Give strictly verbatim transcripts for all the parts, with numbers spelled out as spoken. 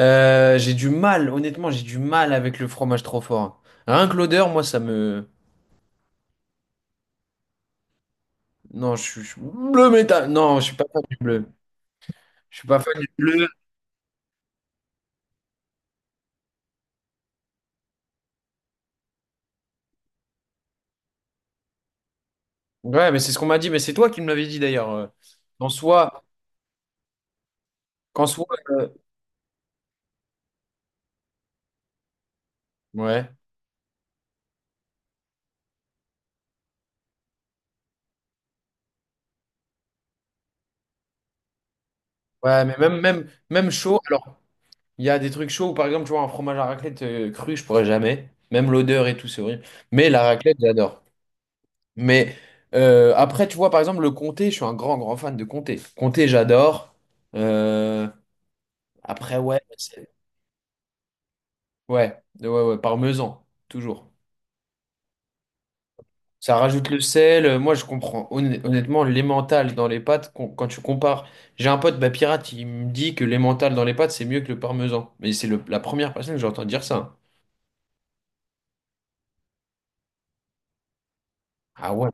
Euh, j'ai du mal, honnêtement, j'ai du mal avec le fromage trop fort. Rien que l'odeur, moi, ça me... Non, je suis... je suis- bleu métal. Non, je suis pas fan du bleu. Je suis pas fan du bleu. Ouais, mais c'est ce qu'on m'a dit. Mais c'est toi qui me l'avais dit, d'ailleurs. Euh, Qu'en soi, Qu'en soit... euh, Ouais. Ouais, mais même, même, même chaud. Alors, il y a des trucs chauds où, par exemple, tu vois, un fromage à raclette euh, cru, je pourrais jamais. Même l'odeur et tout, c'est horrible. Mais la raclette, j'adore. Mais euh, après, tu vois, par exemple, le comté, je suis un grand, grand fan de comté. Comté, j'adore. Euh, Après, ouais, c'est- ouais, ouais, ouais, parmesan, toujours. Ça rajoute le sel. euh, Moi, je comprends. Honn- Honnêtement, l'emmental dans les pâtes, con- quand tu compares, j'ai un pote, bah, pirate, il me dit que l'emmental dans les pâtes, c'est mieux que le parmesan. Mais c'est le- la première personne que j'entends dire ça. Ah ouais.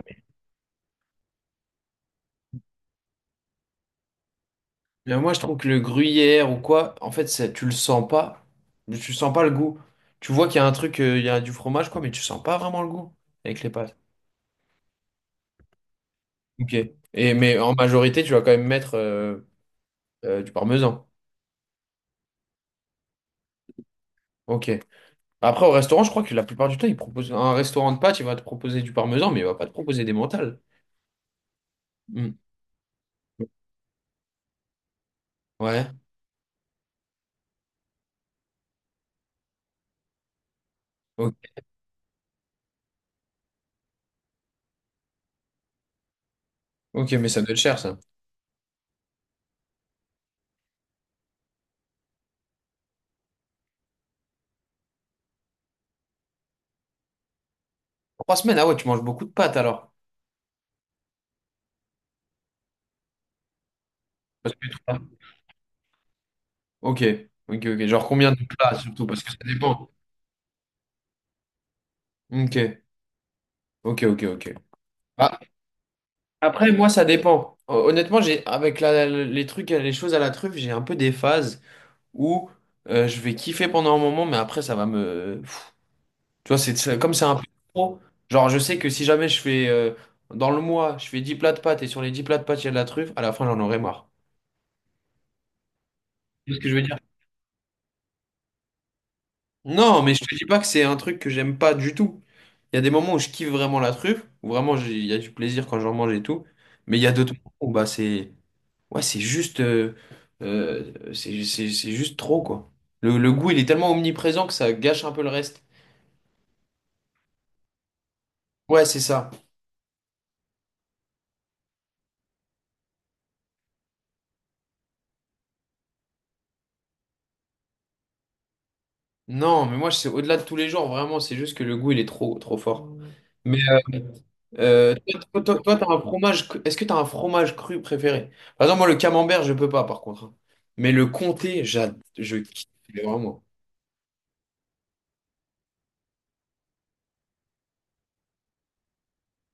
Mais moi, je trouve que le gruyère ou quoi, en fait, ça, tu le sens pas. Mais tu sens pas le goût. Tu vois qu'il y a un truc, euh, il y a du fromage, quoi, mais tu sens pas vraiment le goût avec les pâtes. Ok. Et, mais en majorité, tu vas quand même mettre euh, euh, du parmesan. Ok. Après, au restaurant, je crois que la plupart du temps, ils proposent un restaurant de pâtes, il va te proposer du parmesan, mais il va pas te proposer des mentales. Hmm. Ouais. Ok, ok, mais ça doit être cher, ça. Trois semaines, ah ouais, tu manges beaucoup de pâtes alors. Parce que toi- Ok, ok, ok. Genre combien de plats surtout, parce que ça dépend. Ok, ok, ok, ok. Ah, après, moi, ça dépend. Hon- Honnêtement, j'ai avec la- les trucs, les choses à la truffe, j'ai un peu des phases où euh, je vais kiffer pendant un moment, mais après, ça va me, tu vois, c'est c'est- comme c'est un peu trop. Genre, je sais que si jamais je fais euh, dans le mois, je fais dix plats de pâtes et sur les dix plats de pâtes, il y a de la truffe, à la fin, j'en aurai marre. Tu vois ce que je veux dire? Non, mais je te dis pas que c'est un truc que j'aime pas du tout. Il y a des moments où je kiffe vraiment la truffe, où vraiment j'ai- il y a du plaisir quand j'en mange et tout. Mais il y a d'autres moments où bah, c'est ouais, c'est juste, euh, euh, c'est c'est- c'est juste trop, quoi. Le, le goût, il est tellement omniprésent que ça gâche un peu le reste. Ouais, c'est ça. Non, mais moi, c'est au-delà de tous les jours, vraiment, c'est juste que le goût, il est trop, trop fort. Mais, euh, Euh, toi, toi, toi, t'as un fromage. cru- Est-ce que t'as un fromage cru préféré? Par exemple, moi, le camembert, je peux pas, par contre. Hein. Mais le comté, j'ad... je kiffe mais vraiment.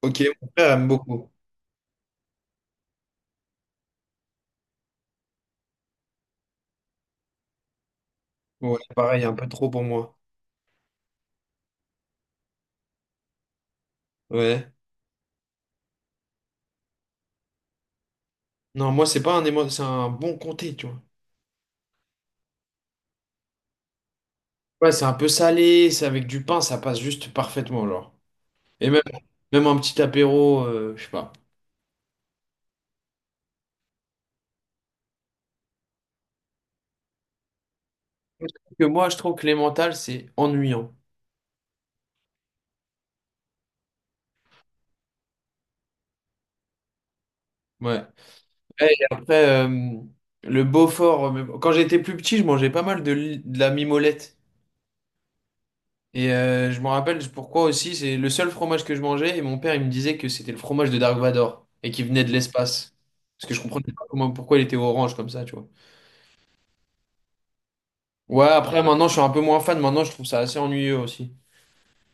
Ok, mon frère aime beaucoup. Ouais, pareil, un peu trop pour moi. Ouais. Non, moi, c'est pas un émo... c'est un bon comté, tu vois. Ouais, c'est un peu salé, c'est avec du pain, ça passe juste parfaitement, genre. Et même, même un petit apéro, euh, je sais pas. Que moi, je trouve que les mentales, c'est ennuyant. Ouais. Ouais, et après, euh, le Beaufort, euh, quand j'étais plus petit, je mangeais pas mal de, li- de la mimolette. Et euh, je me rappelle pourquoi aussi, c'est le seul fromage que je mangeais. Et mon père, il me disait que c'était le fromage de Dark Vador et qu'il venait de l'espace. Parce que je comprenais pas comment, pourquoi il était orange comme ça, tu vois. Ouais, après, maintenant, je suis un peu moins fan. Maintenant, je trouve ça assez ennuyeux aussi.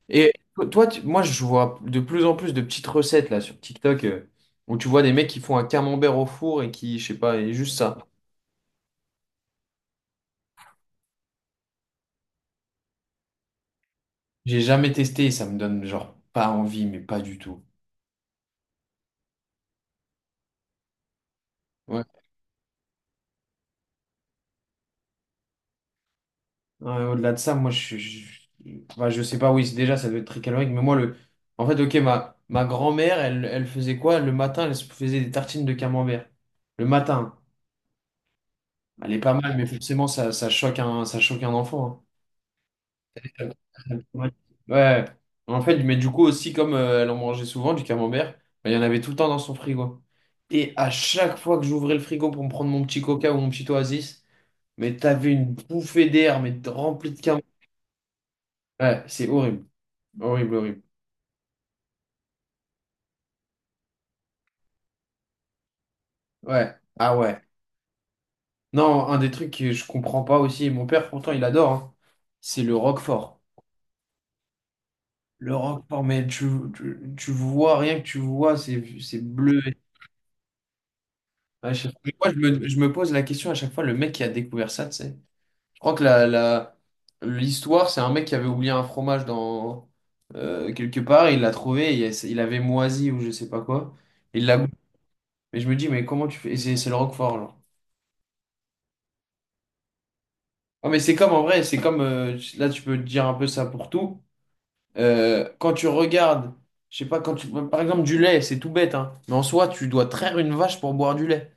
Et to- toi, tu- moi, je vois de plus en plus de petites recettes là sur TikTok euh, où tu vois des mecs qui font un camembert au four et qui, je sais pas, et juste ça. J'ai jamais testé, ça me donne genre pas envie, mais pas du tout. Ouais. Ouais, au-delà de ça, moi je suis. Je, enfin, je sais pas, oui, c'est- déjà ça doit être très calorique, mais moi le. En fait, ok, ma, ma grand-mère, elle, elle faisait quoi? Le matin, elle se faisait des tartines de camembert. Le matin. Elle est pas mal, mais forcément, ça, ça choque un, ça choque un enfant. Hein. Ouais. Ouais. En fait, mais du coup aussi, comme euh, elle en mangeait souvent du camembert, bah, il y en avait tout le temps dans son frigo. Et à chaque fois que j'ouvrais le frigo pour me prendre mon petit coca ou mon petit oasis, mais t'avais une bouffée d'air, mais remplie de carottes. Ouais, c'est horrible. Horrible, horrible. Ouais. Ah ouais. Non, un des trucs que je comprends pas aussi, et mon père pourtant il adore, hein, c'est le roquefort. Le roquefort, mais tu, tu, tu vois, rien que tu vois, c'est c'est bleu. À chaque fois, je me, je me pose la question à chaque fois, le mec qui a découvert ça, tu sais. Je crois que la, la, l'histoire, c'est un mec qui avait oublié un fromage dans, euh, quelque part, il l'a trouvé, il, il avait moisi ou je sais pas quoi. Il l'a Mais je me dis, mais comment tu fais? Et C'est c'est le Roquefort, genre. Ah, mais c'est comme en vrai, c'est comme euh, là, tu peux dire un peu ça pour tout. Euh, quand tu regardes, je sais pas, quand tu, par exemple, du lait, c'est tout bête, hein, mais en soi, tu dois traire une vache pour boire du lait.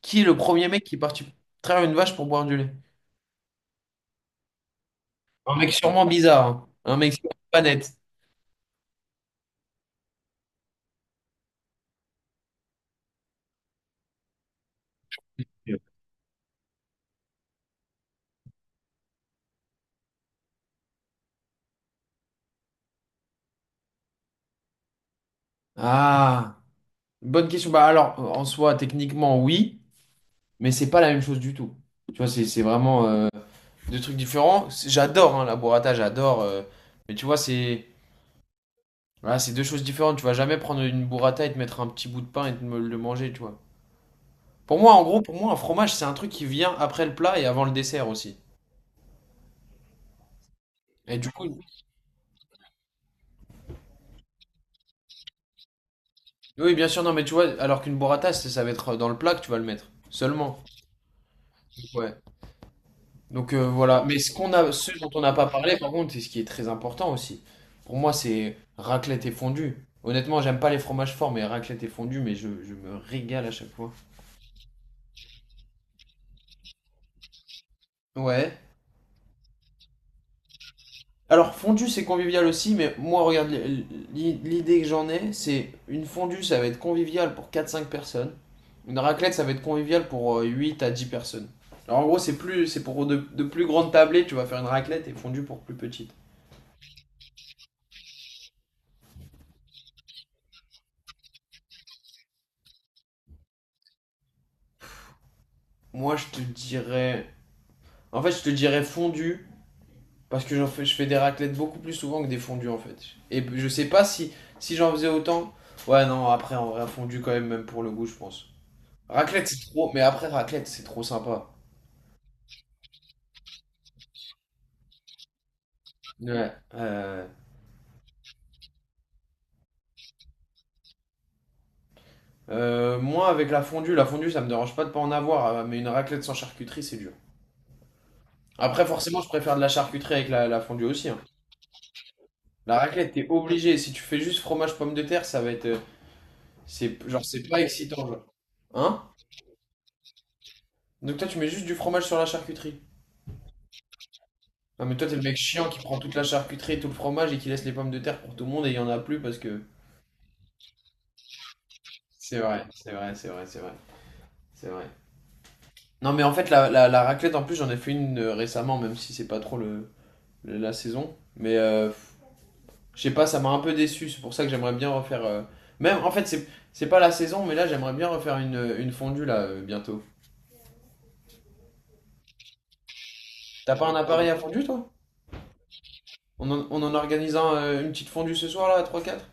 Qui est le premier mec qui est parti traire une vache pour boire du lait? Un mec sûrement bizarre, hein. Un mec sûrement pas net. Ah, bonne question. Bah alors, en soi, techniquement, oui, mais c'est pas la même chose du tout. Tu vois, c'est c'est vraiment euh, deux trucs différents. C'est- J'adore hein, la burrata, j'adore. euh, mais tu vois, c'est voilà, c'est deux choses différentes. Tu vas jamais prendre une burrata et te mettre un petit bout de pain et te me- le manger, tu vois. Pour moi, en gros, pour moi, un fromage, c'est un truc qui vient après le plat et avant le dessert aussi. Et du coup, oui, bien sûr, non, mais tu vois, alors qu'une burrata, c'est- ça va être dans le plat que tu vas le mettre. Seulement. Ouais. Donc euh, voilà, mais ce qu'on a, ce dont on n'a pas parlé, par contre, c'est ce qui est très important aussi. Pour moi, c'est raclette et fondue. Honnêtement, j'aime pas les fromages forts, mais raclette et fondue, mais je, je me régale à chaque fois. Ouais. Alors, fondue, c'est convivial aussi, mais moi, regarde, l- l- l'idée que j'en ai, c'est une fondue, ça va être convivial pour quatre cinq personnes. Une raclette, ça va être convivial pour euh, huit à dix personnes. Alors, en gros, c'est plus, c'est pour de, de plus grandes tablées, tu vas faire une raclette et fondue pour plus petites. Moi, je te dirais... En fait, je te dirais fondue, parce que j'en fais, je fais des raclettes beaucoup plus souvent que des fondues en fait. Et je sais pas si, si j'en faisais autant. Ouais, non, après en vrai, fondu quand même, même pour le goût, je pense. Raclette, c'est trop. Mais après, raclette, c'est trop sympa. Ouais. Euh, euh, moi, avec la fondue, la fondue, ça me dérange pas de pas en avoir, euh, mais une raclette sans charcuterie, c'est dur. Après, forcément, je préfère de la charcuterie avec la, la fondue aussi. Hein. La raclette, t'es obligé. Si tu fais juste fromage pomme de terre, ça va être. euh, C'est, genre, c'est pas excitant. Genre. Hein? Donc, toi, tu mets juste du fromage sur la charcuterie. Non, mais toi, t'es le mec chiant qui prend toute la charcuterie et tout le fromage et qui laisse les pommes de terre pour tout le monde et il y en a plus parce que. C'est vrai, c'est vrai, c'est vrai, c'est vrai, c'est vrai. Non, mais en fait, la, la, la raclette, en plus, j'en ai fait une euh, récemment, même si c'est pas trop le, le- la saison. Mais euh, je sais pas, ça m'a un peu déçu. C'est pour ça que j'aimerais bien refaire. euh, Même, en fait, c'est c'est pas la saison, mais là, j'aimerais bien refaire une, euh, une fondue là euh, bientôt. T'as pas un appareil à fondue, toi? On en, on en organise un, euh, une petite fondue ce soir là, à trois quatre